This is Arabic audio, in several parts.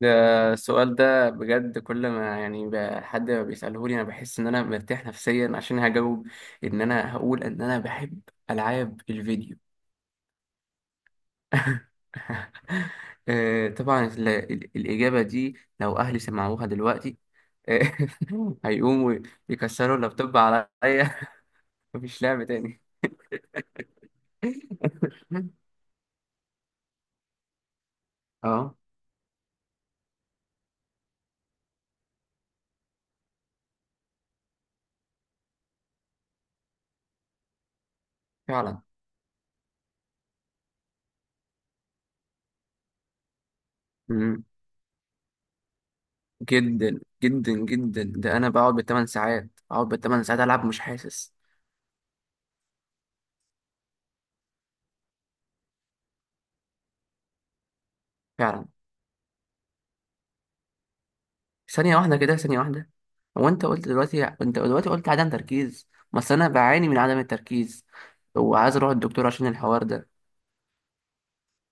ده السؤال ده بجد، كل ما يعني حد ما بيسألهولي أنا بحس إن أنا مرتاح نفسيا عشان هجاوب إن أنا هقول إن أنا بحب ألعاب الفيديو. طبعا الإجابة دي لو أهلي سمعوها دلوقتي... آه، هيقوموا يكسروا اللابتوب عليا. مفيش لعب تاني. اه فعلا. مم. جدا جدا جدا، ده أنا بقعد بالثمان ساعات، بقعد بالثمان ساعات ألعب مش حاسس. فعلا، ثانية واحدة كده، ثانية واحدة. هو انت دلوقتي قلت عدم تركيز، بس انا بعاني من عدم التركيز وعايز اروح الدكتور عشان الحوار ده.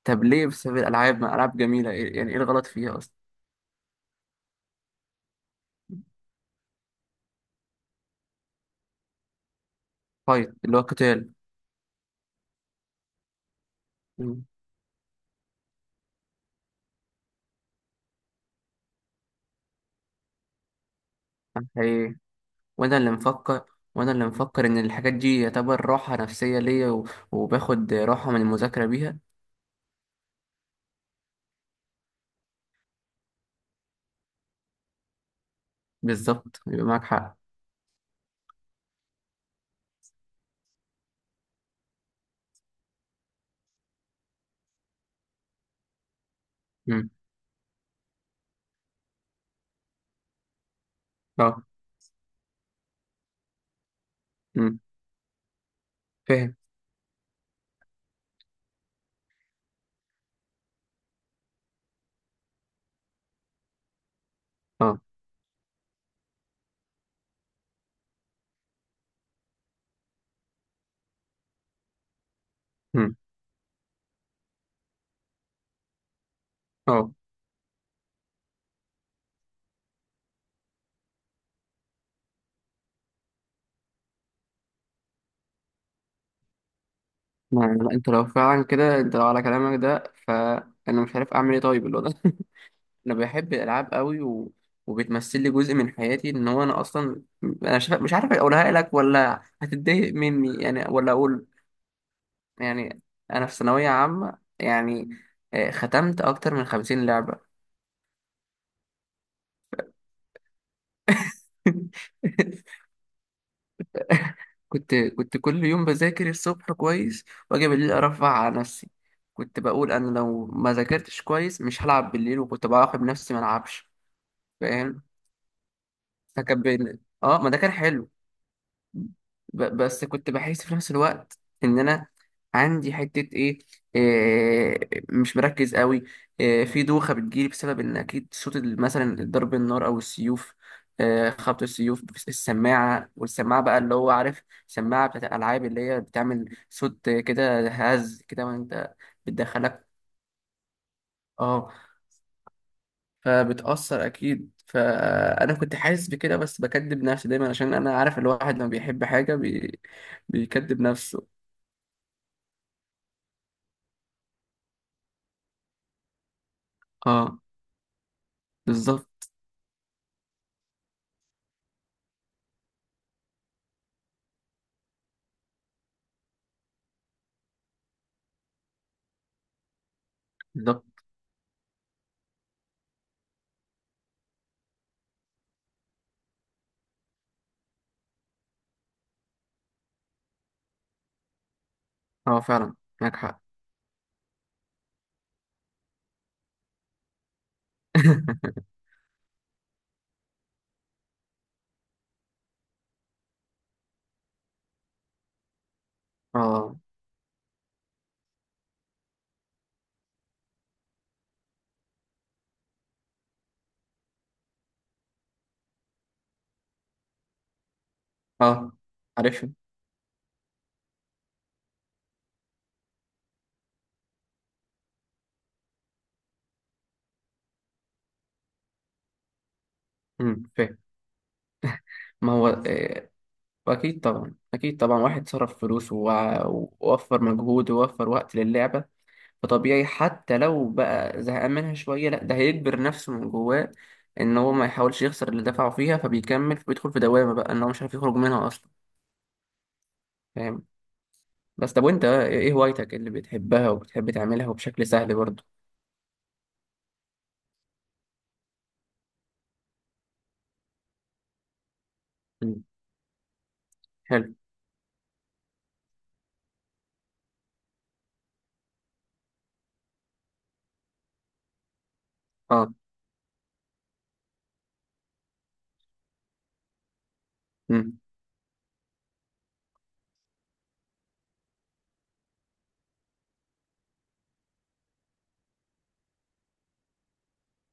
طب ليه؟ بسبب الالعاب؟ ما العاب جميلة، يعني ايه الغلط فيها اصلا؟ فايت اللي هو قتال. مم. أنا حقيقي، وانا اللي مفكر وانا اللي مفكر ان الحاجات دي يعتبر راحة نفسية ليا و... وباخد راحة من المذاكرة بيها. بالظبط، يبقى معاك حق. مم. اه. مم. فاهم. اه. مم. اه. ما انت لو فعلا كده، انت لو على كلامك ده فانا مش عارف اعمل ايه طيب اللي هو ده. انا بحب الالعاب قوي و... وبتمثل لي جزء من حياتي ان هو انا اصلا... انا شايف... مش عارف اقولها لك ولا هتتضايق مني يعني، ولا اقول... يعني انا في ثانويه عامه يعني، ختمت اكتر من خمسين لعبه. كنت كل يوم بذاكر الصبح كويس واجي بالليل ارفع على نفسي، كنت بقول انا لو ما ذاكرتش كويس مش هلعب بالليل، وكنت باخد نفسي ما العبش. فاهم، فكان بين اه، ما ده كان حلو. بس كنت بحس في نفس الوقت ان انا عندي حتة ايه، إيه مش مركز قوي، إيه في دوخة بتجيلي بسبب ان اكيد صوت مثلا ضرب النار او السيوف، إيه خبط السيوف، السماعة، والسماعة بقى اللي هو عارف، سماعة بتاعت الالعاب اللي هي بتعمل صوت كده هز كده وانت... بتدخلك. اه. فبتأثر أكيد، فأنا كنت حاسس بكده بس بكدب نفسي دايما، عشان أنا عارف الواحد لما بيحب حاجة بيكدب نفسه. اه بالظبط. بالظبط. اه فعلا. معاك حق. اه. اه. عارفها. امم، فاهم. ما هو أكيد طبعا، أكيد طبعا، واحد صرف فلوس ووفر مجهود ووفر وقت للعبة، فطبيعي حتى لو بقى زهقان منها شوية، لا ده هيجبر نفسه من جواه ان هو ما يحاولش يخسر اللي دفعه فيها، فبيكمل، فبيدخل في دوامة بقى ان هو مش عارف يخرج منها اصلا. فاهم. بس طب، وانت بقى ايه هوايتك اللي بتحبها وبتحب تعملها وبشكل سهل برضه؟ مم. حلو. اه. امم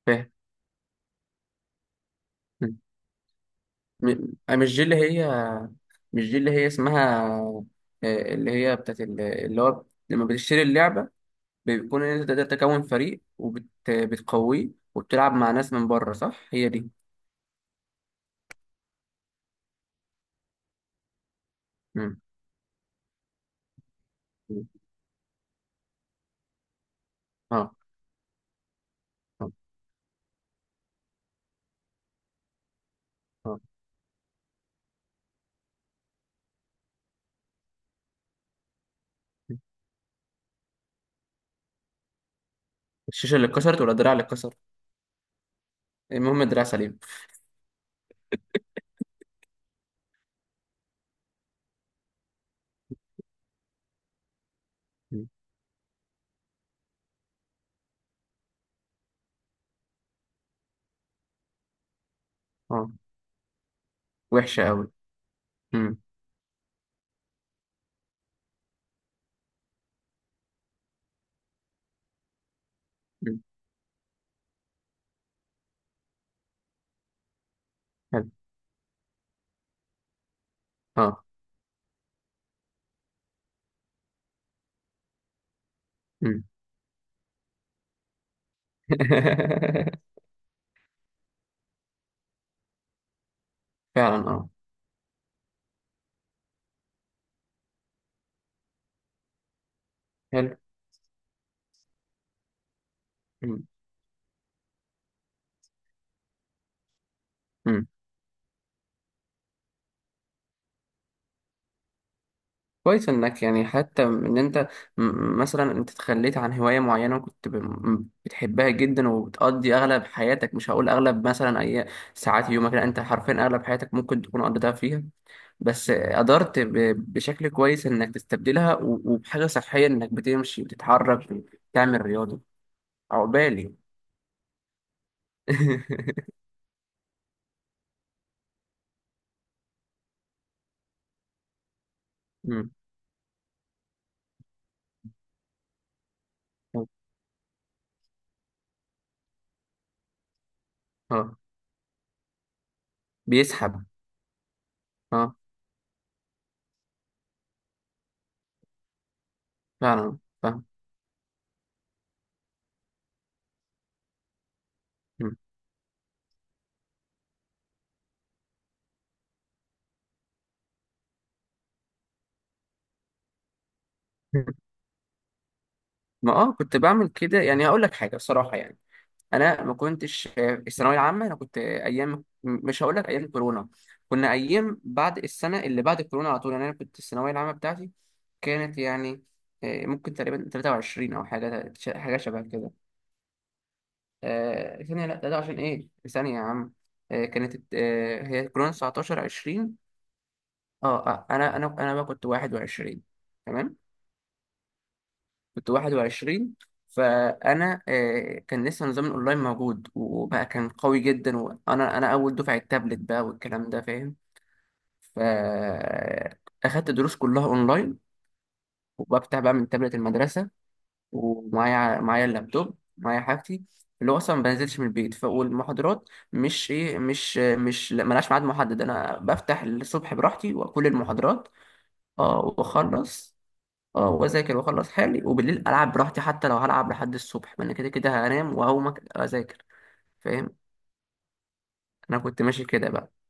فاهم. مم. مش دي اللي هي، مش دي اللي هي اسمها اللي هي بتاعت اللي هو لما بتشتري اللعبة بيكون ان انت تقدر تكون فريق وبتقويه وبتلعب مع ناس من بره، صح هي دي؟ مم. مم. اه اه اه. الشاشة اللي اتكسرت ولا الدراع اللي اتكسر؟ المهم الدراع سليم. مم. اه. وحشة قوي. مم. مم. حلو. اه. مم. فعلا. اه. حلو. مم. مم. كويس انك، يعني حتى ان انت مثلا انت تخليت عن هواية معينة وكنت بتحبها جدا وبتقضي اغلب حياتك، مش هقول اغلب مثلا اي ساعات يومك، لا انت حرفيا اغلب حياتك ممكن تكون قضيتها فيها. بس قدرت بشكل كويس انك تستبدلها و- وبحاجه صحيه انك بتمشي، بتتحرك، تعمل رياضه. عقبالي. مم. اه. اه. بيسحب. اه فعلا. فاهم. مم. ما اه كنت بعمل كده، يعني هقول لك حاجه بصراحه يعني، انا ما كنتش الثانويه العامه انا كنت ايام، مش هقول لك ايام كورونا، كنا ايام بعد السنه اللي بعد كورونا على طول يعني، انا كنت الثانويه العامه بتاعتي كانت يعني ممكن تقريبا 23 او حاجه، حاجه شبه كده. آه ثانية، لا ده, ده عشان ايه، ثانية يا عم. آه كانت آه هي كورونا 19 20. اه انا بقى كنت 21. تمام. كنت 21. فانا آه كان لسه نظام الاونلاين موجود وبقى كان قوي جدا، وانا اول دفعة التابلت بقى والكلام ده، فاهم؟ فاخدت دروس كلها اونلاين، وبفتح بقى من تابلت المدرسة، ومعايا اللابتوب، معايا حاجتي، اللي هو اصلا ما بنزلش من البيت. والمحاضرات مش ايه، مش مش لا، ملهاش ميعاد محدد، انا بفتح الصبح براحتي واكل المحاضرات. اه واخلص. اه واذاكر واخلص حالي، وبالليل العب براحتي حتى لو هلعب لحد الصبح، ما انا كده كده هنام وهقوم اذاكر، فاهم؟ انا كنت ماشي كده بقى.